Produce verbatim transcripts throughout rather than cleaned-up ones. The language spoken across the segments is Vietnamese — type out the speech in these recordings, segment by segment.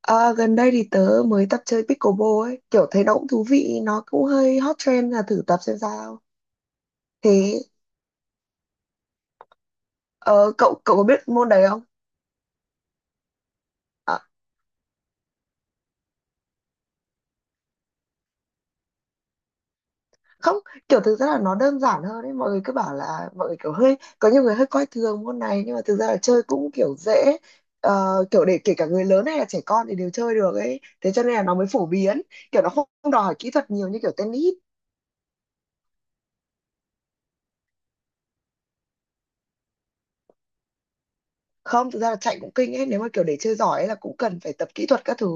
À, gần đây thì tớ mới tập chơi pickleball ấy, kiểu thấy nó cũng thú vị, nó cũng hơi hot trend là thử tập xem sao. Thế ờ, cậu cậu có biết môn đấy không? À, không, kiểu thực ra là nó đơn giản hơn ấy, mọi người cứ bảo là mọi người kiểu hơi có nhiều người hơi coi thường môn này nhưng mà thực ra là chơi cũng kiểu dễ. Ờ, kiểu để kể cả người lớn hay là trẻ con thì đều chơi được ấy, thế cho nên là nó mới phổ biến, kiểu nó không đòi hỏi kỹ thuật nhiều như kiểu tennis. Không, thực ra là chạy cũng kinh ấy, nếu mà kiểu để chơi giỏi ấy là cũng cần phải tập kỹ thuật các thứ,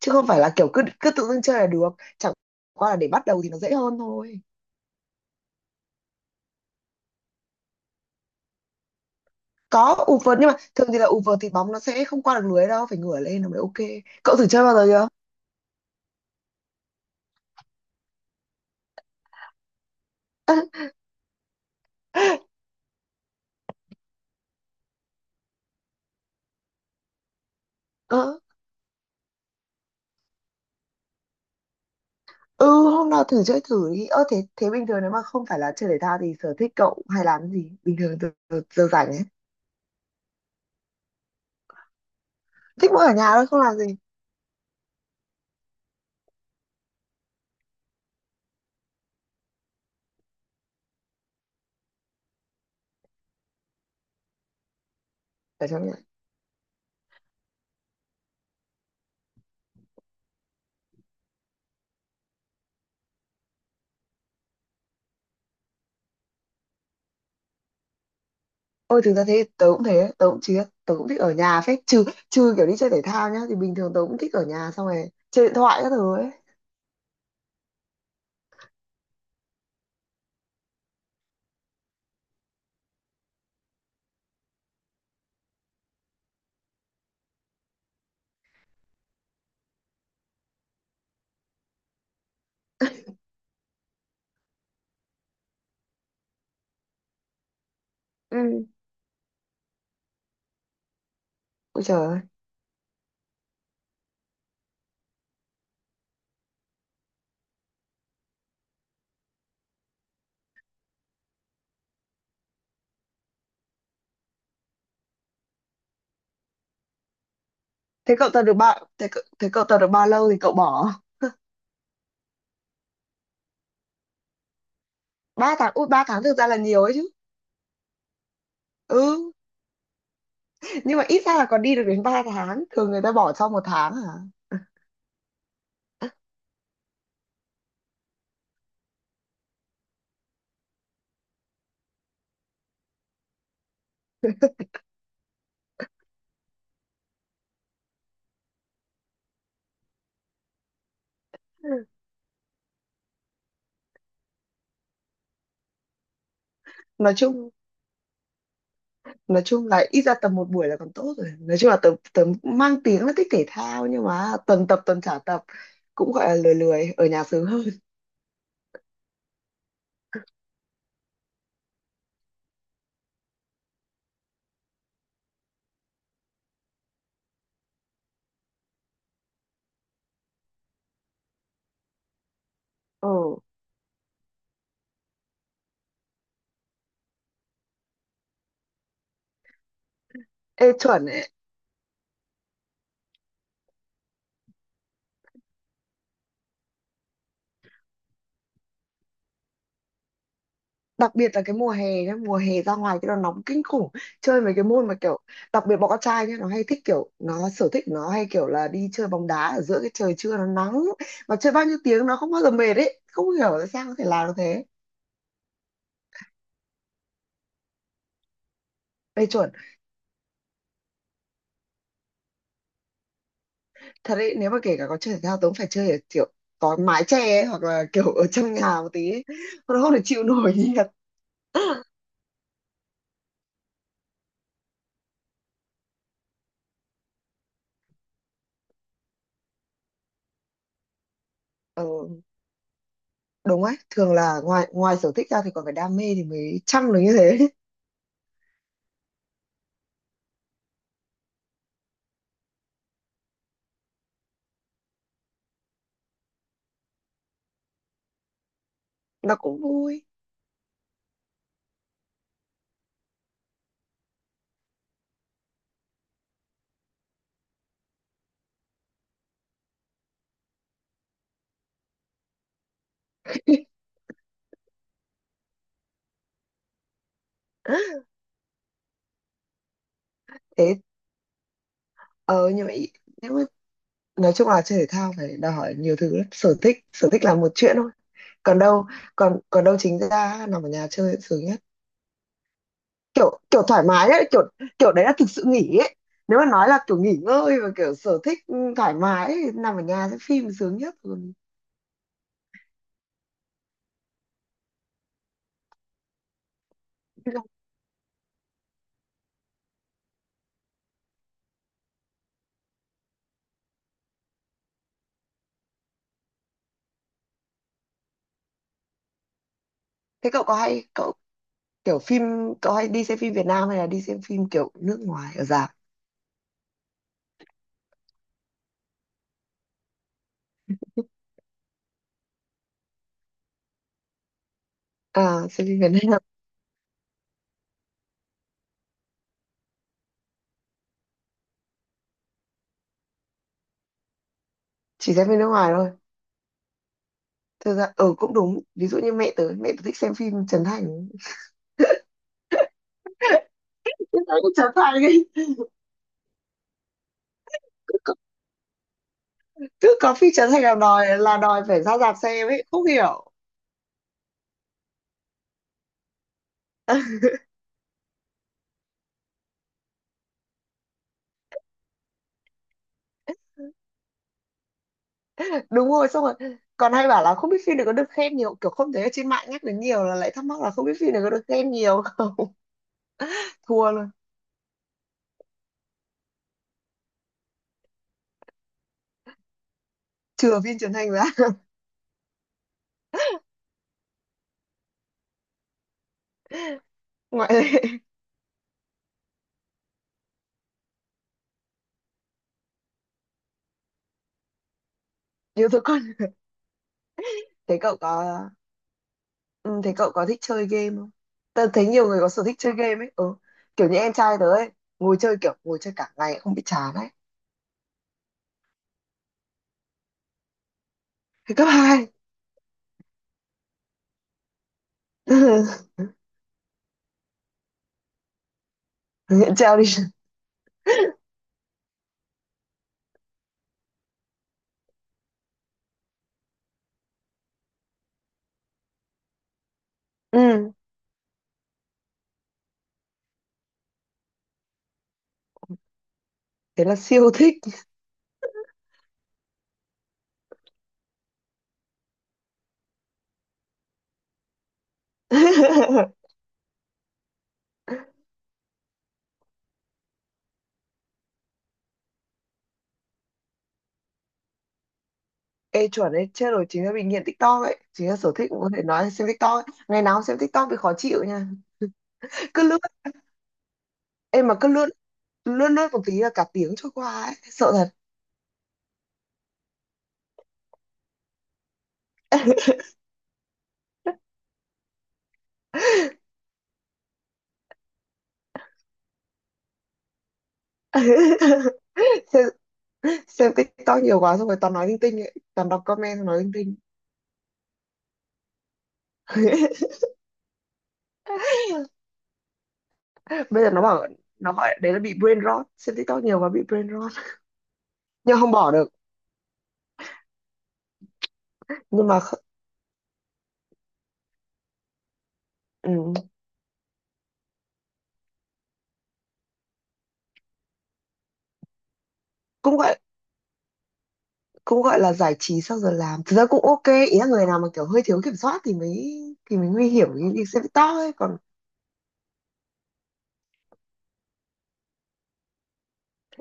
chứ không phải là kiểu cứ cứ tự dưng chơi là được, chẳng qua là để bắt đầu thì nó dễ hơn thôi. Có ụp vợt, nhưng mà thường thì là ụp vợt thì bóng nó sẽ không qua được lưới đâu, phải ngửa lên nó mới ok. Cậu thử chơi bao giờ chưa? Ờ, ừ, hôm nào thử chơi thử đi. Ơ thế thế bình thường nếu mà không phải là chơi thể thao thì sở thích cậu hay làm cái gì bình thường giờ, giờ rảnh ấy? Thích mỗi ở nhà thôi, không làm gì? Ở trong nhà. Ôi thực ra thế tớ cũng thế, tớ cũng chứ tớ cũng thích ở nhà phết, trừ trừ kiểu đi chơi thể thao nhá, thì bình thường tớ cũng thích ở nhà xong rồi chơi điện thoại các thứ ấy. Ừ. Ôi trời ơi. Thế cậu tập được bao thế, cậu- thế cậu tập được bao lâu thì cậu bỏ? Ba tháng, ui ba tháng thực ra là nhiều ấy chứ. Ừ, nhưng mà ít ra là còn đi được đến ba tháng, thường người ta bỏ sau một tháng à. Ừ. nói chung nói chung là ít ra tập một buổi là còn tốt rồi, nói chung là tớ tớ mang tiếng là thích thể thao nhưng mà tuần tập tuần trả tập, cũng gọi là lười, lười ở nhà sướng hơn. Ừ, ê chuẩn. Đặc biệt là cái mùa hè nhá, mùa hè ra ngoài cái nó nóng kinh khủng. Chơi mấy cái môn mà kiểu, đặc biệt bọn con trai nhá, nó hay thích kiểu, nó sở thích nó hay kiểu là đi chơi bóng đá ở giữa cái trời trưa nó nắng mà chơi bao nhiêu tiếng nó không bao giờ mệt ấy, không hiểu tại sao có thể làm được thế. Đây chuẩn. Thật đấy, nếu mà kể cả có chơi thể thao tớ cũng phải chơi ở kiểu có mái che ấy, hoặc là kiểu ở trong nhà một tí ấy. Nó không thể chịu nổi nhiệt. Ừ, đúng ấy, thường là ngoài ngoài sở thích ra thì còn phải đam mê thì mới chăm được như thế. Nó cũng vui. Thế ờ như vậy nếu mà, nói chung là chơi thể thao phải đòi hỏi nhiều thứ lắm, sở thích, sở thích là một chuyện thôi. Còn đâu, còn còn đâu chính ra nằm ở nhà chơi sướng nhất. Kiểu kiểu thoải mái ấy, kiểu kiểu đấy là thực sự nghỉ ấy. Nếu mà nói là kiểu nghỉ ngơi và kiểu sở thích ừ, thoải mái ấy, nằm ở nhà xem phim sướng nhất. Còn thế cậu có hay cậu, kiểu phim, cậu hay đi xem phim Việt Nam hay là đi xem phim kiểu nước ngoài ở rạp? À, xem phim Việt Nam. Chỉ xem phim nước ngoài thôi. Thực ra ừ cũng đúng, ví dụ như mẹ tớ, mẹ tớ thích xem phim Trấn Thành. Cái đấy cũng trở thành cái, cứ, cứ có feature thành là đòi, là đòi phải ra rạp xem ấy, không hiểu. Đúng rồi xong rồi, còn hay bảo là không biết phim này có được khen nhiều, kiểu không thấy ở trên mạng nhắc đến nhiều là lại thắc mắc là không biết phim này có được khen nhiều. Thua luôn. Trừ phim truyền hình ra. Ngoại lệ. Yếu tố con. Thế cậu có, ừ, thế cậu có thích chơi game không? Tớ thấy nhiều người có sở thích chơi game ấy, ừ. Kiểu như em trai tớ ấy, ngồi chơi kiểu ngồi chơi cả ngày không bị chán ấy. Thế cấp hai. Nghiện treo đi. Ừ, thế là siêu thích. Ê chuẩn ấy, chết rồi, chính là bị nghiện TikTok ấy. Chính là sở thích cũng có thể nói là xem TikTok ấy. Ngày nào cũng xem TikTok bị khó chịu nha. Cứ lướt, em mà cứ lướt, lướt lướt một tí là cả tiếng trôi qua ấy. Sợ thật. Xem, xem TikTok nhiều quá xong rồi toàn nói linh tinh ấy. Toàn đọc comment xong nói linh tinh. Bây giờ nó bảo, nó gọi đấy là bị brain rot. Xem TikTok nhiều quá bị brain rot. Nhưng không bỏ được, nhưng mà kh- ừ. Cũng gọi Cũng gọi là giải trí sau giờ làm thực ra cũng ok. Ý là người nào mà kiểu hơi thiếu kiểm soát thì mới, thì mới nguy hiểm như như xe bị to ấy còn.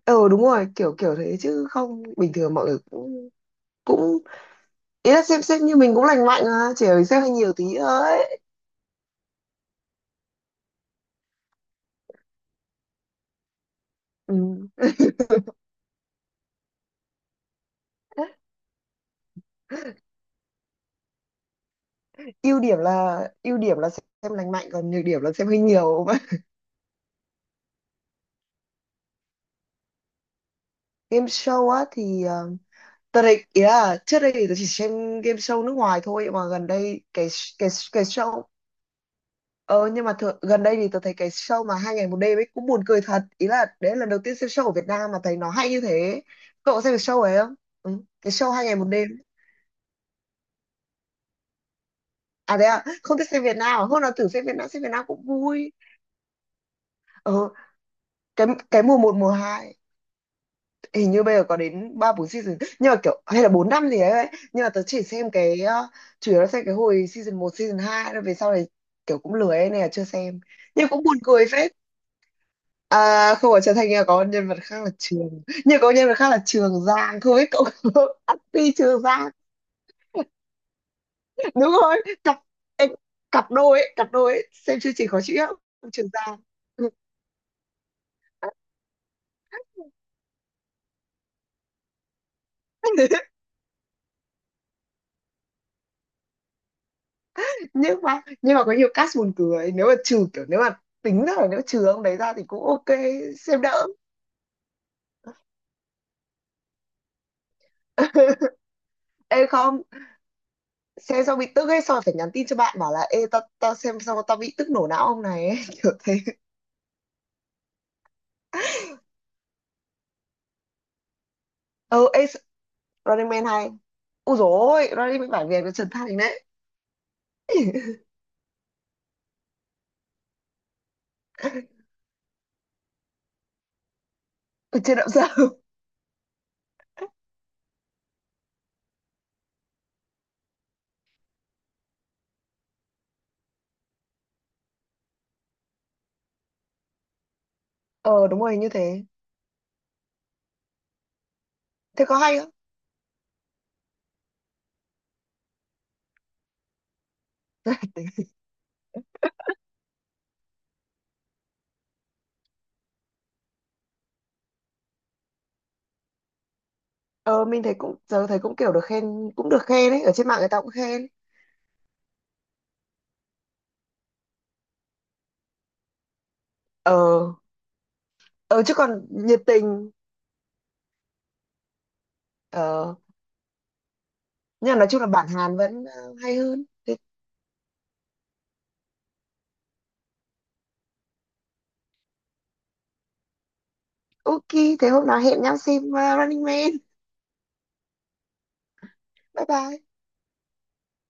Ờ đúng rồi, kiểu kiểu thế chứ không bình thường mọi người cũng, cũng, ý là xem xét như mình cũng lành mạnh mà chỉ là mình xem hơi nhiều tí thôi. Ừ. Ưu điểm là, ưu điểm là xem lành mạnh, còn nhược điểm là xem hơi nhiều. Game show á thì ờ, tớ đấy, ý là trước đây thì tớ chỉ xem game show nước ngoài thôi mà gần đây cái, cái cái show. Ờ nhưng mà thường, gần đây thì tớ thấy cái show mà hai ngày một đêm ấy cũng buồn cười thật. Ý là đấy là lần đầu tiên xem show ở Việt Nam mà thấy nó hay như thế. Cậu có xem cái show ấy không? Ừ, cái show hai ngày một đêm. À đấy à, không thích xem Việt Nam à? Hôm nào thử xem Việt Nam, xem Việt Nam cũng vui. Ờ, cái cái mùa một mùa hai, hình như bây giờ có đến ba bốn season nhưng mà kiểu hay là bốn năm gì đấy. ấy. Nhưng mà tớ chỉ xem cái ờ, chủ yếu là xem cái hồi season một season hai, rồi về sau này kiểu cũng lười ấy, nên là chưa xem. Nhưng cũng buồn cười phết. À, không phải Trần Thành, nhưng mà có nhân vật khác là Trường nhưng có nhân vật khác là Trường Giang, không biết cậu có. Ati Trường Giang. Đúng rồi, cặp cặp đôi ấy, cặp đôi ấy. Xem chương trình khó chịu lắm. Trường Giang. Nhưng mà nhưng mà có nhiều cast buồn cười, nếu mà trừ kiểu, nếu mà tính ra là nếu trừ ông đấy ra thì cũng ok. Xem đỡ. Ê không, xem xong bị tức ấy, xong rồi phải nhắn tin cho bạn bảo là ê tao tao xem xong tao bị tức nổ não ông này ấy, kiểu thế. Ờ ê. Running Man hay. Úi dồi ôi, Running Man bản Việt với Trần Thành. Ở trên động sao. Ờ đúng rồi như thế. Thế có hay không? Ờ mình thấy cũng, giờ thấy cũng kiểu được khen, cũng được khen ấy, ở trên mạng người ta cũng khen. Ờ ờ chứ còn nhiệt tình. Ờ nhưng mà nói chung là bản Hàn vẫn ờ, hay hơn thế. Ok. Thế hôm nào hẹn nhau xem ờ, Running Man. Bye bye.